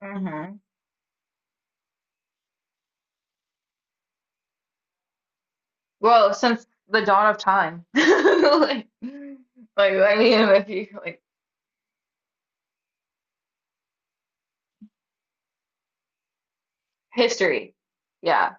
hmm Well, since the dawn of time. Like, like, I mean, if you like history. Yeah.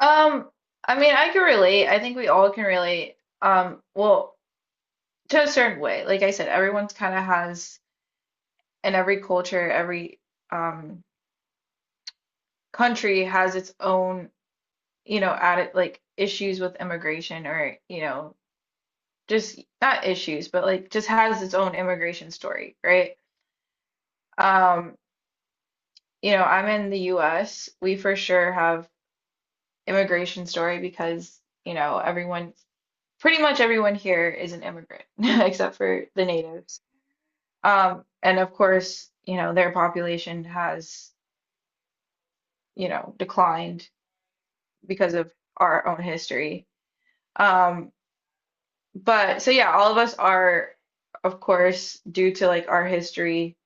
Um, I mean, I can relate. I think we all can relate. Well, to a certain way. Like I said, everyone's kind of has, and every culture, every um country has its own, you know, added like issues with immigration or, you know, just not issues, but like just has its own immigration story, right? Um, you know, I'm in the US. We for sure have immigration story because, you know, everyone, pretty much everyone here is an immigrant except for the natives. And of course, you know, their population has, you know, declined because of our own history. Um, but so yeah, all of us are, of course, due to like our history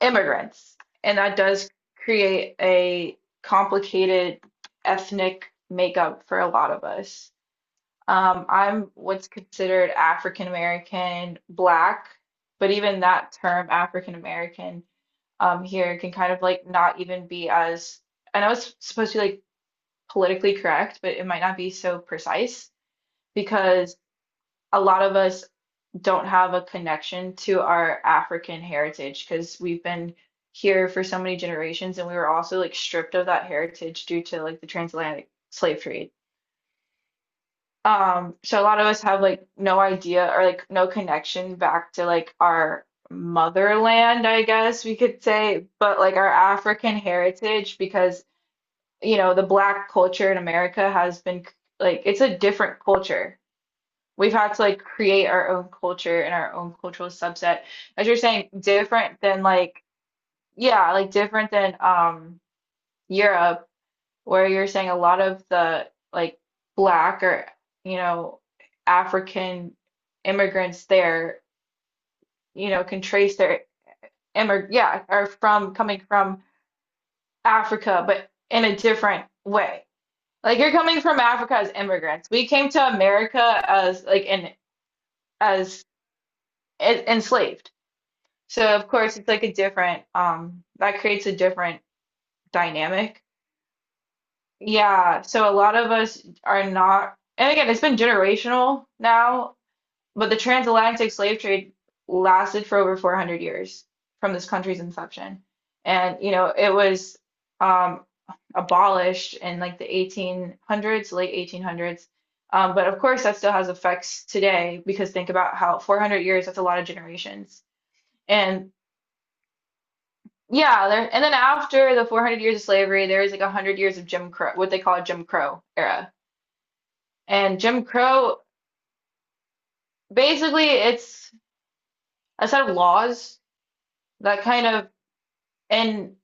immigrants. And that does create a complicated ethnic makeup for a lot of us. I'm what's considered African American, Black, but even that term, African American, here can kind of like not even be as, I know it's supposed to be like politically correct, but it might not be so precise because a lot of us don't have a connection to our African heritage because we've been here for so many generations and we were also like stripped of that heritage due to like the transatlantic slave trade. So a lot of us have like no idea or like no connection back to like our motherland, I guess we could say, but like our African heritage because you know the black culture in America has been like it's a different culture. We've had to like create our own culture and our own cultural subset. As you're saying, different than like, yeah, like different than Europe, where you're saying a lot of the like black or, you know, African immigrants there, you know, can trace their immig yeah, are from coming from Africa, but in a different way. Like you're coming from Africa as immigrants. We came to America as like in as enslaved. So of course it's like a different that creates a different dynamic. Yeah, so a lot of us are not, and again it's been generational now, but the transatlantic slave trade lasted for over 400 years from this country's inception. And you know, it was um abolished in like the 1800s, late 1800s. But of course that still has effects today because think about how 400 years, that's a lot of generations. And yeah, there, and then after the 400 years of slavery, there is like 100 years of Jim Crow, what they call a Jim Crow era. And Jim Crow, basically, it's a set of laws that kind of, and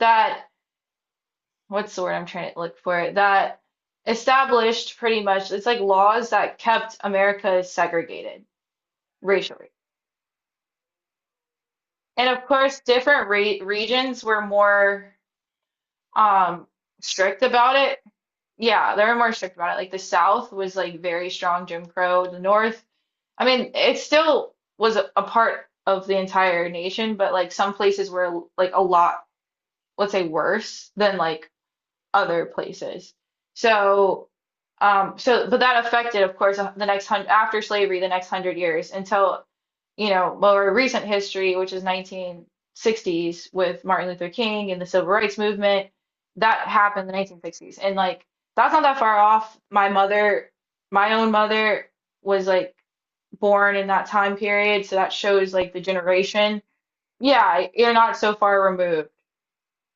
that, what's the word I'm trying to look for, that established pretty much, it's like laws that kept America segregated racially. And of course, different re regions were more um, strict about it. Yeah, they're more strict about it. Like the South was like very strong Jim Crow. The North, I mean, it still was a part of the entire nation, but like some places were like a lot, let's say, worse than like other places. So, so but that affected, of course, the next hundred after slavery, the next hundred years until you know more recent history, which is 1960s with Martin Luther King and the Civil Rights Movement. That happened in the 1960s, and like that's not that far off. My own mother, was like born in that time period, so that shows like the generation. Yeah, you're not so far removed.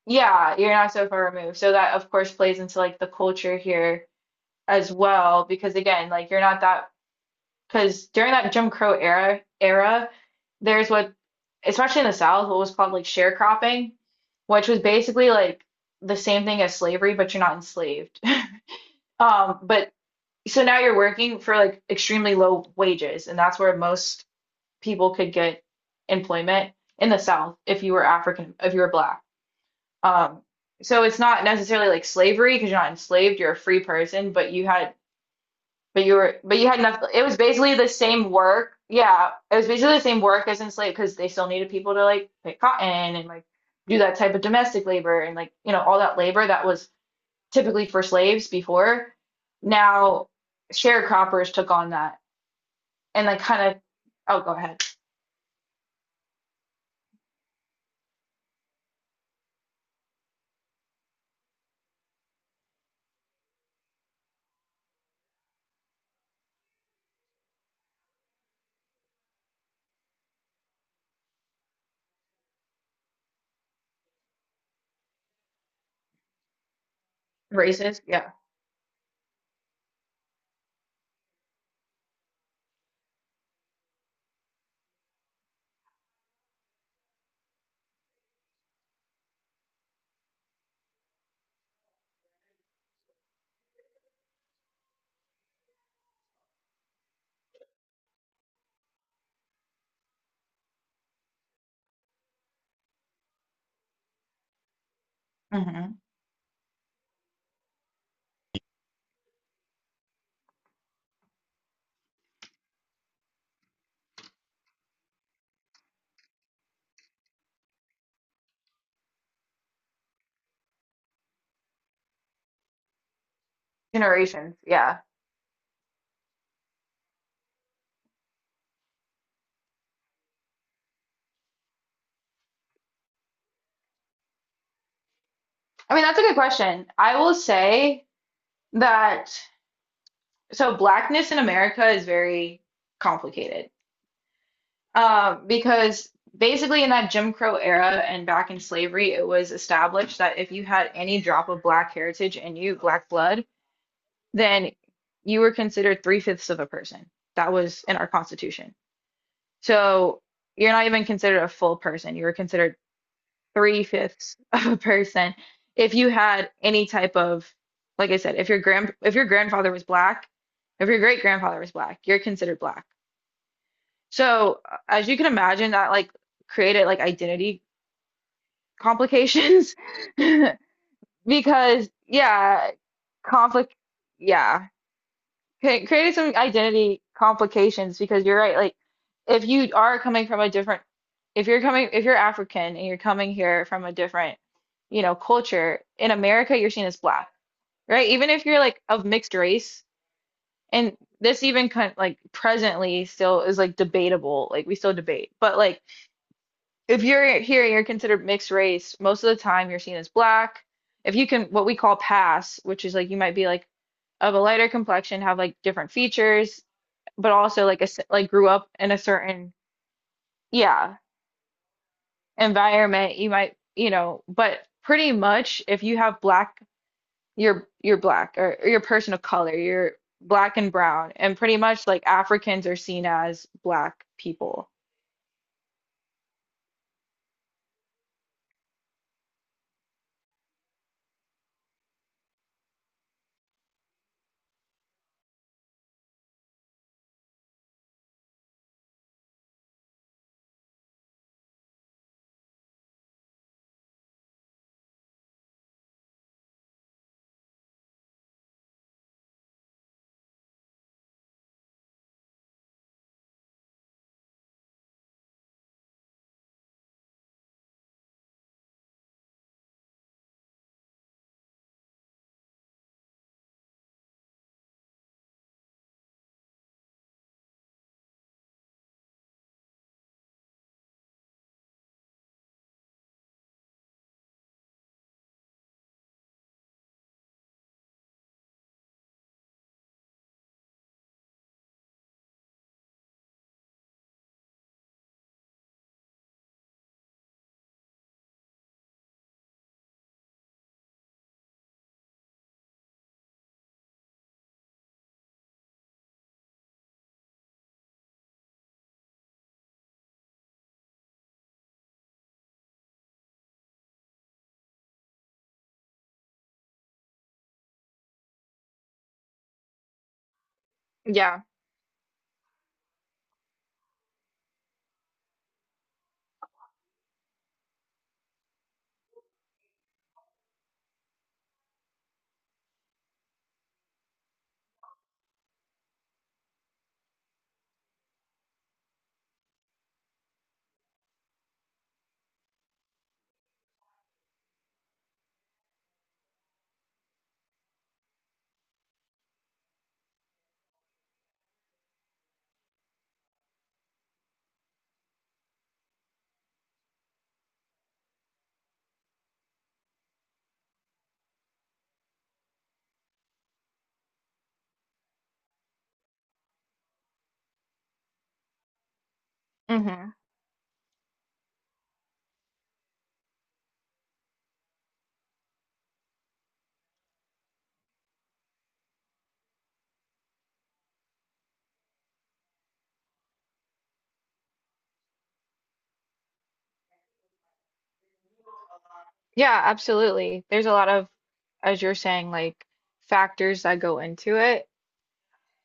Yeah, you're not so far removed. So that of course plays into like the culture here as well, because again, like you're not that, because during that Jim Crow era era, there's what especially in the South, what was called like sharecropping, which was basically like the same thing as slavery, but you're not enslaved. But so now you're working for like extremely low wages, and that's where most people could get employment in the South if you were African, if you were black. Um, so it's not necessarily like slavery because you're not enslaved, you're a free person, but you had but you were but you had enough it was basically the same work. Yeah, it was basically the same work as enslaved because they still needed people to like pick cotton and like do that type of domestic labor and like, you know, all that labor that was typically for slaves before. Now sharecroppers took on that and like kind of, oh, go ahead. Races, yeah. Hmm. Generations, yeah. I mean, that's a good question. I will say that so blackness in America is very complicated, because basically in that Jim Crow era and back in slavery, it was established that if you had any drop of black heritage in you, black blood, then you were considered three-fifths of a person. That was in our Constitution. So you're not even considered a full person. You were considered three-fifths of a person if you had any type of, like I said, if your grand if your grandfather was black, if your great grandfather was black, you're considered black. So, as you can imagine, that like created like identity complications. Because yeah, conflict yeah, created some identity complications because you're right, like if you are coming from a different, if you're coming if you're African and you're coming here from a different, you know, culture, in America you're seen as black, right? Even if you're like of mixed race, and this even kind like presently still is like debatable, like we still debate. But like if you're here and you're considered mixed race, most of the time you're seen as black. If you can, what we call pass, which is like you might be like of a lighter complexion, have like different features, but also like a like grew up in a certain yeah environment. You might, you know, but pretty much if you have black, you're black, or you're a person of color, you're black and brown, and pretty much like Africans are seen as black people. Yeah. Mhm. Yeah, absolutely. There's a lot of, as you're saying, like factors that go into it,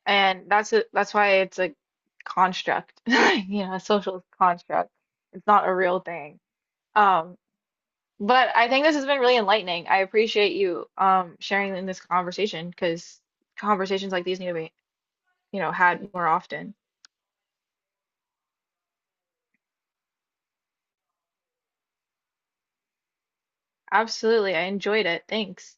and that's that's why it's a construct, you know, a social construct. It's not a real thing. Um, but I think this has been really enlightening. I appreciate you sharing in this conversation because conversations like these need to be, you know, had more often. Absolutely. I enjoyed it. Thanks.